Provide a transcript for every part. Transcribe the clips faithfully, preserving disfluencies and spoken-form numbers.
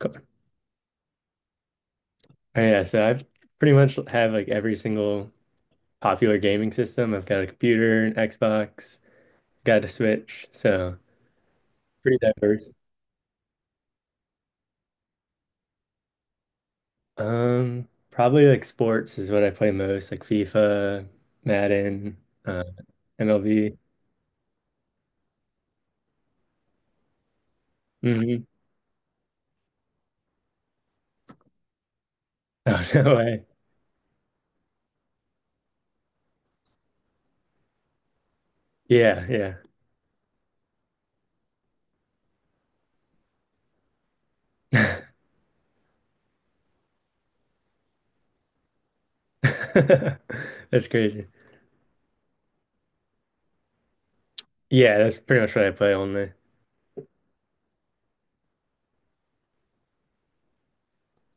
Cool. Oh, yeah, so I've pretty much have like every single popular gaming system. I've got a computer, an Xbox, got a Switch, so pretty diverse. Um, probably like sports is what I play most, like FIFA, Madden, uh, M L B. hmm Oh, no way. Yeah, yeah. That's crazy. Yeah, that's pretty much what I play only.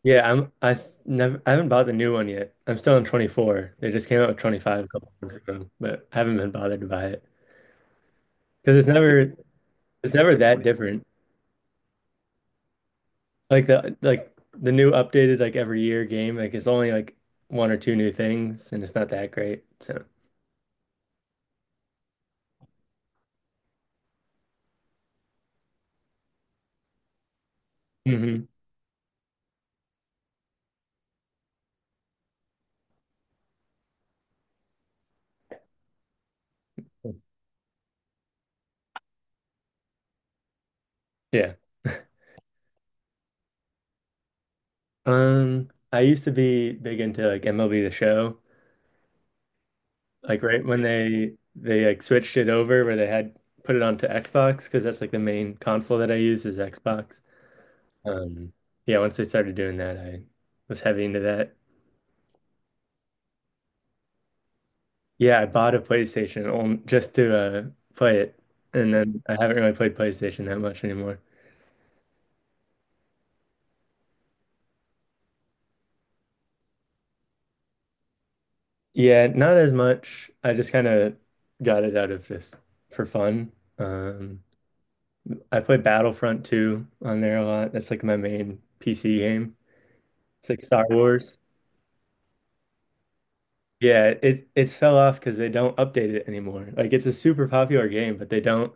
Yeah, I'm I s- never I haven't bought the new one yet. I'm still on twenty-four. They just came out with twenty-five a couple months ago, but I haven't been bothered to buy it because it's never it's never that different. Like the like the new updated like every year game, like it's only like one or two new things and it's not that great. So, hmm yeah. Um, I used to be big into like M L B The Show. Like right when they they like switched it over where they had put it onto Xbox because that's like the main console that I use is Xbox. Um, yeah, once I started doing that, I was heavy into that. Yeah, I bought a PlayStation on, just to uh, play it, and then I haven't really played PlayStation that much anymore. Yeah, not as much. I just kind of got it out of just for fun. Um, I play Battlefront two on there a lot. That's like my main P C game. It's like Star Wars. Yeah, it it's fell off because they don't update it anymore. Like it's a super popular game, but they don't.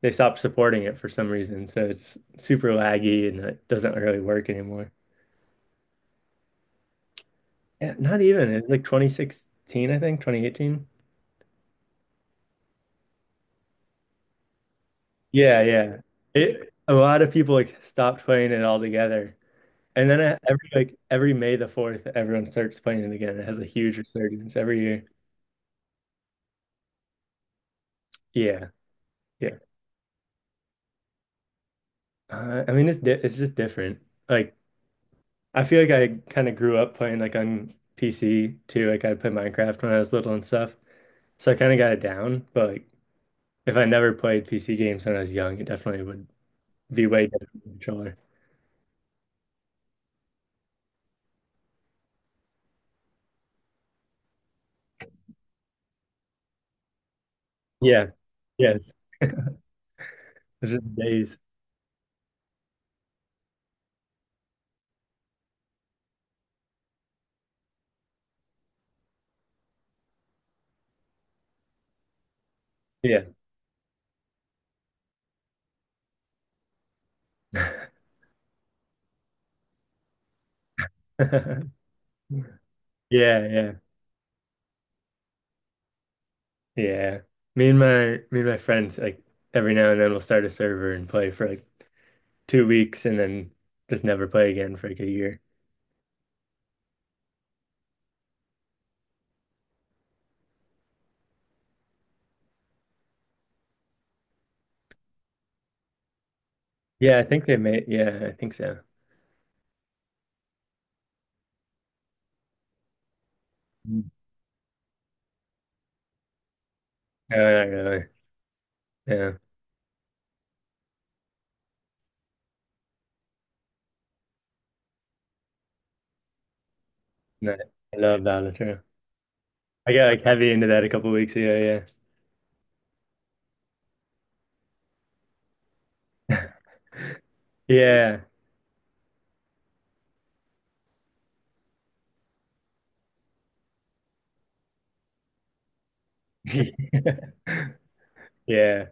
They stopped supporting it for some reason. So it's super laggy and it doesn't really work anymore. Yeah, not even. It's like twenty sixteen, I think, twenty eighteen. Yeah, yeah. It a lot of people like stopped playing it altogether. And then uh, every like every May the fourth, everyone starts playing it again. It has a huge resurgence every year. Yeah, yeah. Uh, I mean, it's di it's just different. Like I feel like I kind of grew up playing like on P C too. Like I played Minecraft when I was little and stuff, so I kind of got it down. But like if I never played P C games when I was young, it definitely would be way different with a controller. Yeah. Yes. Those are the days. Yeah. Yeah, yeah. Yeah. Me and my me and my friends like every now and then we'll start a server and play for like two weeks and then just never play again for like a year. Yeah, I think they made, yeah, I think so. Mm. No, not really. Yeah. No. I love Battlefield. I got like heavy into that a couple weeks ago, yeah. Yeah. Yeah.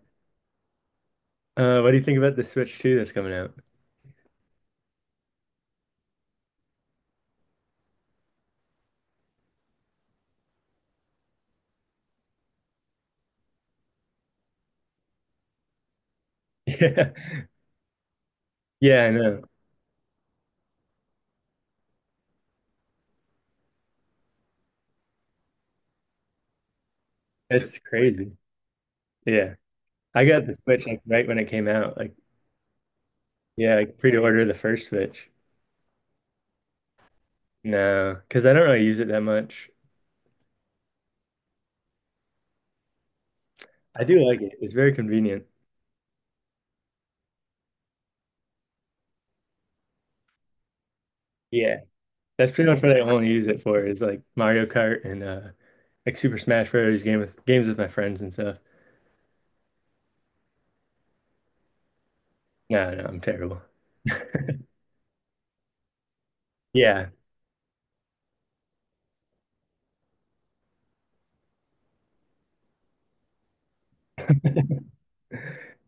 Uh, what do you think about the Switch two that's coming out? Yeah. Yeah, I know. It's crazy. Yeah. I got the Switch like right when it came out. Like, yeah, I pre-ordered the first Switch. No, because I don't really use it that much. I do like it. It's very convenient. Yeah. That's pretty much what I only use it for is like Mario Kart and uh like Super Smash Bros. Game with games with my friends and stuff. No, no, I'm terrible. Yeah.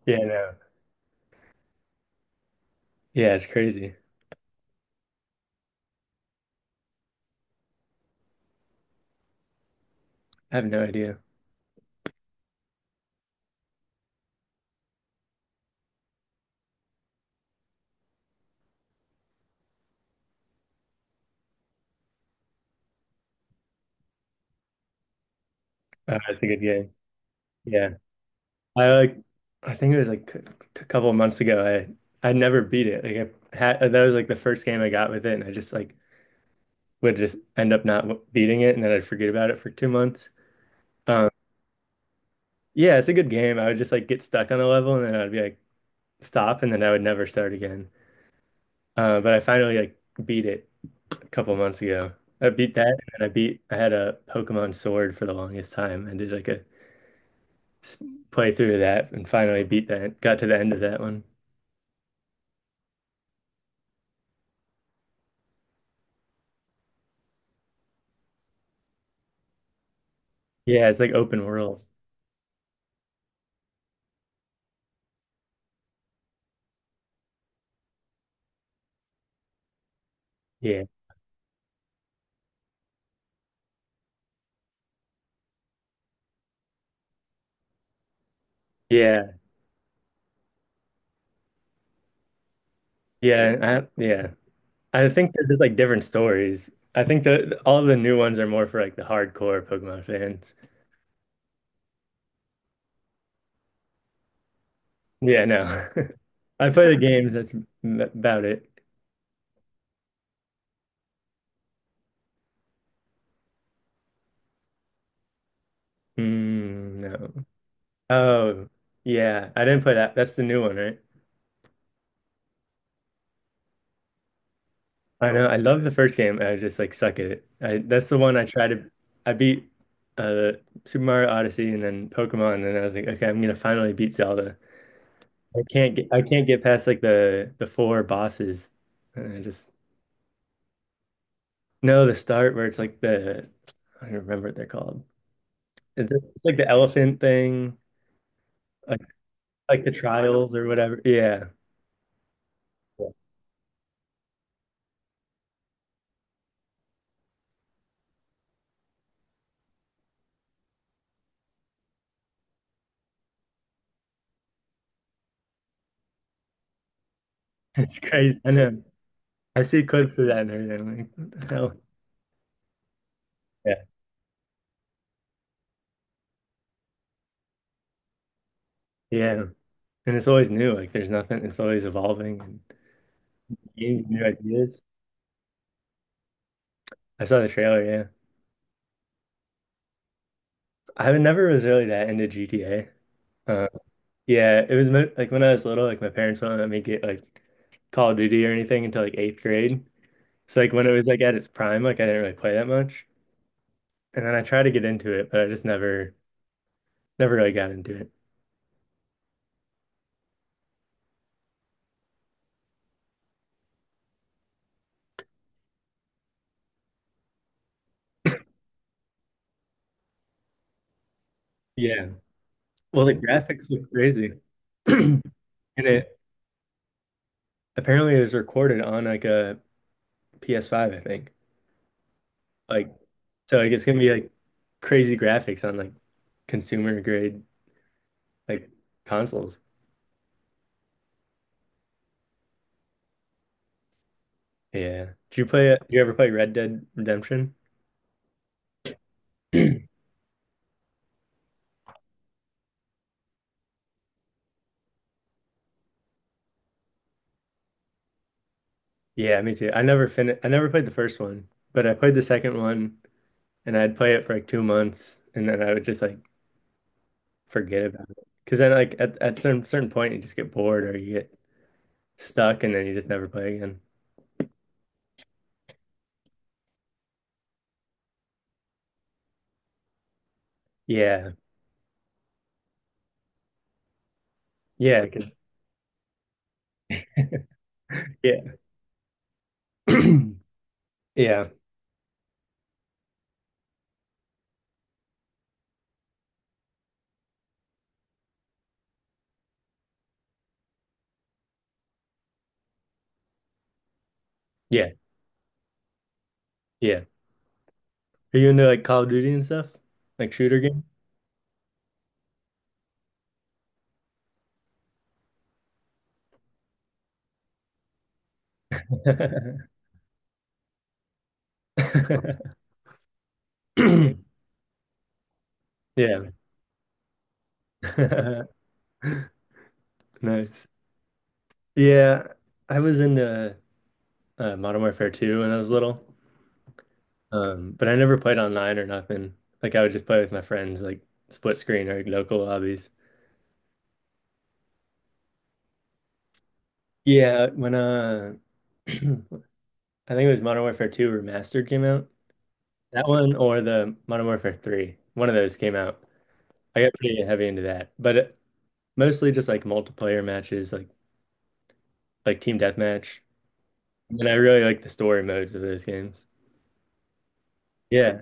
Yeah, no. Yeah, it's crazy. I have no idea. Uh, it's a good game. Yeah. I like I think it was like a couple of months ago. I I'd never beat it. Like I had that was like the first game I got with it, and I just like would just end up not w- beating it, and then I'd forget about it for two months. Um, yeah, it's a good game. I would just like get stuck on a level, and then I'd be like stop, and then I would never start again. Uh, but I finally like beat it a couple of months ago. I beat that, and then I beat I had a Pokemon Sword for the longest time, and did like a s- playthrough of that, and finally beat that. Got to the end of that one. Yeah, it's like open world. Yeah. Yeah, yeah, I, yeah. I think they're just like different stories. I think the all the new ones are more for like the hardcore Pokemon fans. Yeah, no. I play the games, that's m- about it. Mm, no. Oh, yeah. I didn't play that. That's the new one, right? I know. I love the first game. I just like suck at it. I, that's the one I tried to. I beat uh Super Mario Odyssey and then Pokemon, and then I was like, okay, I'm gonna finally beat Zelda. I can't get I can't get past like the the four bosses. And I just no, the start where it's like the I don't remember what they're called. It's, it's like the elephant thing, like like the trials or whatever. Yeah. Yeah. It's crazy. I know. I see clips of that and everything. I'm like, what the hell? Yeah. Yeah. And it's always new. Like there's nothing. It's always evolving and games, new ideas. I saw the trailer, yeah. I never was really that into G T A. Yeah, it was mo- like when I was little, like my parents wouldn't let me get like Call of Duty or anything until like eighth grade. So like when it was like at its prime, like I didn't really play that much. And then I tried to get into it, but I just never, never really got into it. Yeah. Well, the graphics look crazy. And it apparently it was recorded on like a P S five, I think. Like so like it's gonna be like crazy graphics on like consumer grade like consoles. Yeah. Did you play it? Did you ever play Red Dead Redemption? Yeah, me too. I never finished. I never played the first one, but I played the second one and I'd play it for like two months and then I would just like forget about it. Because then like at, at some certain point you just get bored or you get stuck and then you just never play again. Yeah. Yeah. 'Cause- yeah. Yeah. Yeah. Yeah. Are you into like Call of Duty and stuff? Like shooter game? Yeah. Nice. Yeah. I was into uh, Modern Warfare two when I was little. Um, but I never played online or nothing. Like I would just play with my friends, like split screen or like local lobbies. Yeah, when uh I think it was Modern Warfare two Remastered came out. That one or the Modern Warfare three. One of those came out. I got pretty heavy into that. But it, mostly just like multiplayer matches, like like team deathmatch. And I really like the story modes of those games. Yeah.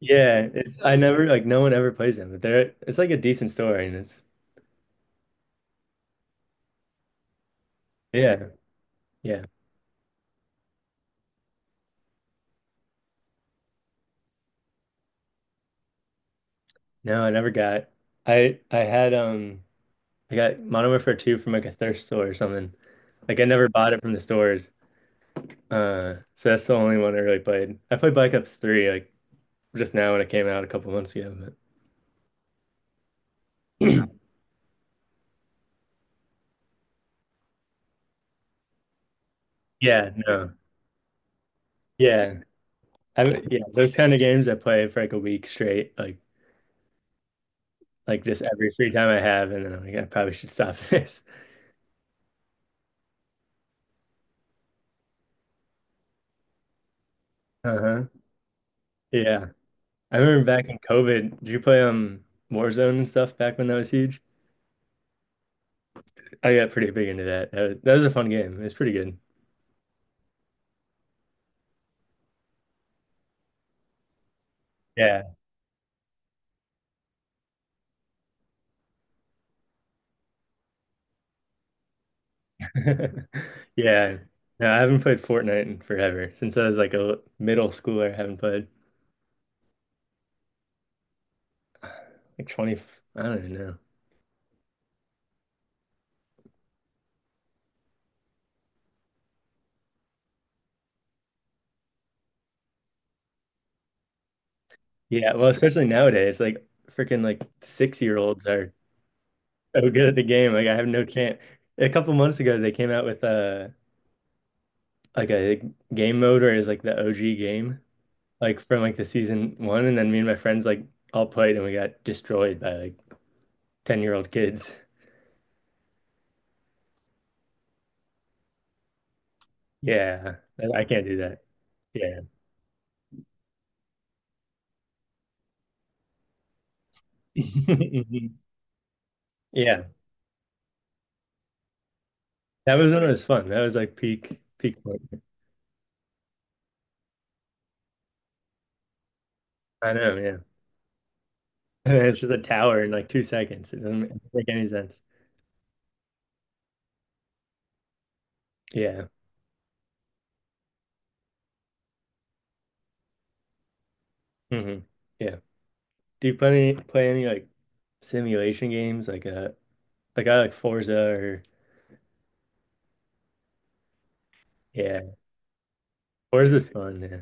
Yeah, it's I never like no one ever plays them, but they're it's like a decent story and it's yeah. Yeah. No, I never got. I I had um I got monomer for two from like a thrift store or something. Like I never bought it from the stores. Uh, so that's the only one I really played. I played Black Ops three like just now when it came out a couple months ago, but yeah, no. Yeah. I Yeah, those kind of games I play for like a week straight, like like just every free time I have and then I'm like I probably should stop this. Uh-huh. Yeah. I remember back in COVID, did you play um Warzone and stuff back when that was huge? I got pretty big into that. That was, that was a fun game. It's pretty good. Yeah. Yeah. No, I haven't played Fortnite in forever. Since I was like a middle schooler, I haven't played like twenty, I don't even know. Yeah, well, especially nowadays, like freaking like six year olds are so good at the game. Like I have no chance. A couple months ago, they came out with a like a game mode where it's like the O G game, like from like the season one, and then me and my friends like all played and we got destroyed by like ten year old kids. Yeah, I I can't do that. Yeah. Yeah. That was when it was fun. That was like peak peak point. I know, yeah. It's just a tower in like two seconds. It doesn't does make any sense. Yeah. hmm Yeah. Do you play any play any like simulation games? Like uh like I like Forza or yeah. Forza's fun, yeah.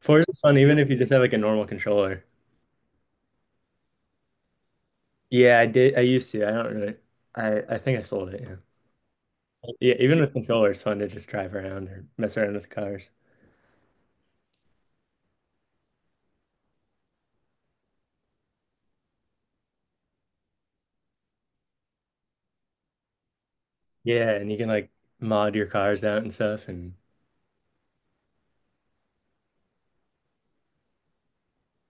Forza's fun even if you just have like a normal controller. Yeah, I did I used to. I don't really I I think I sold it, yeah. Yeah, even with controllers, it's fun to just drive around or mess around with cars. Yeah, and you can like mod your cars out and stuff and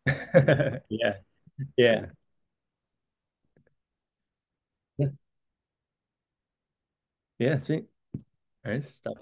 yeah. Yeah. Yeah, yeah, sweet. All right, stop.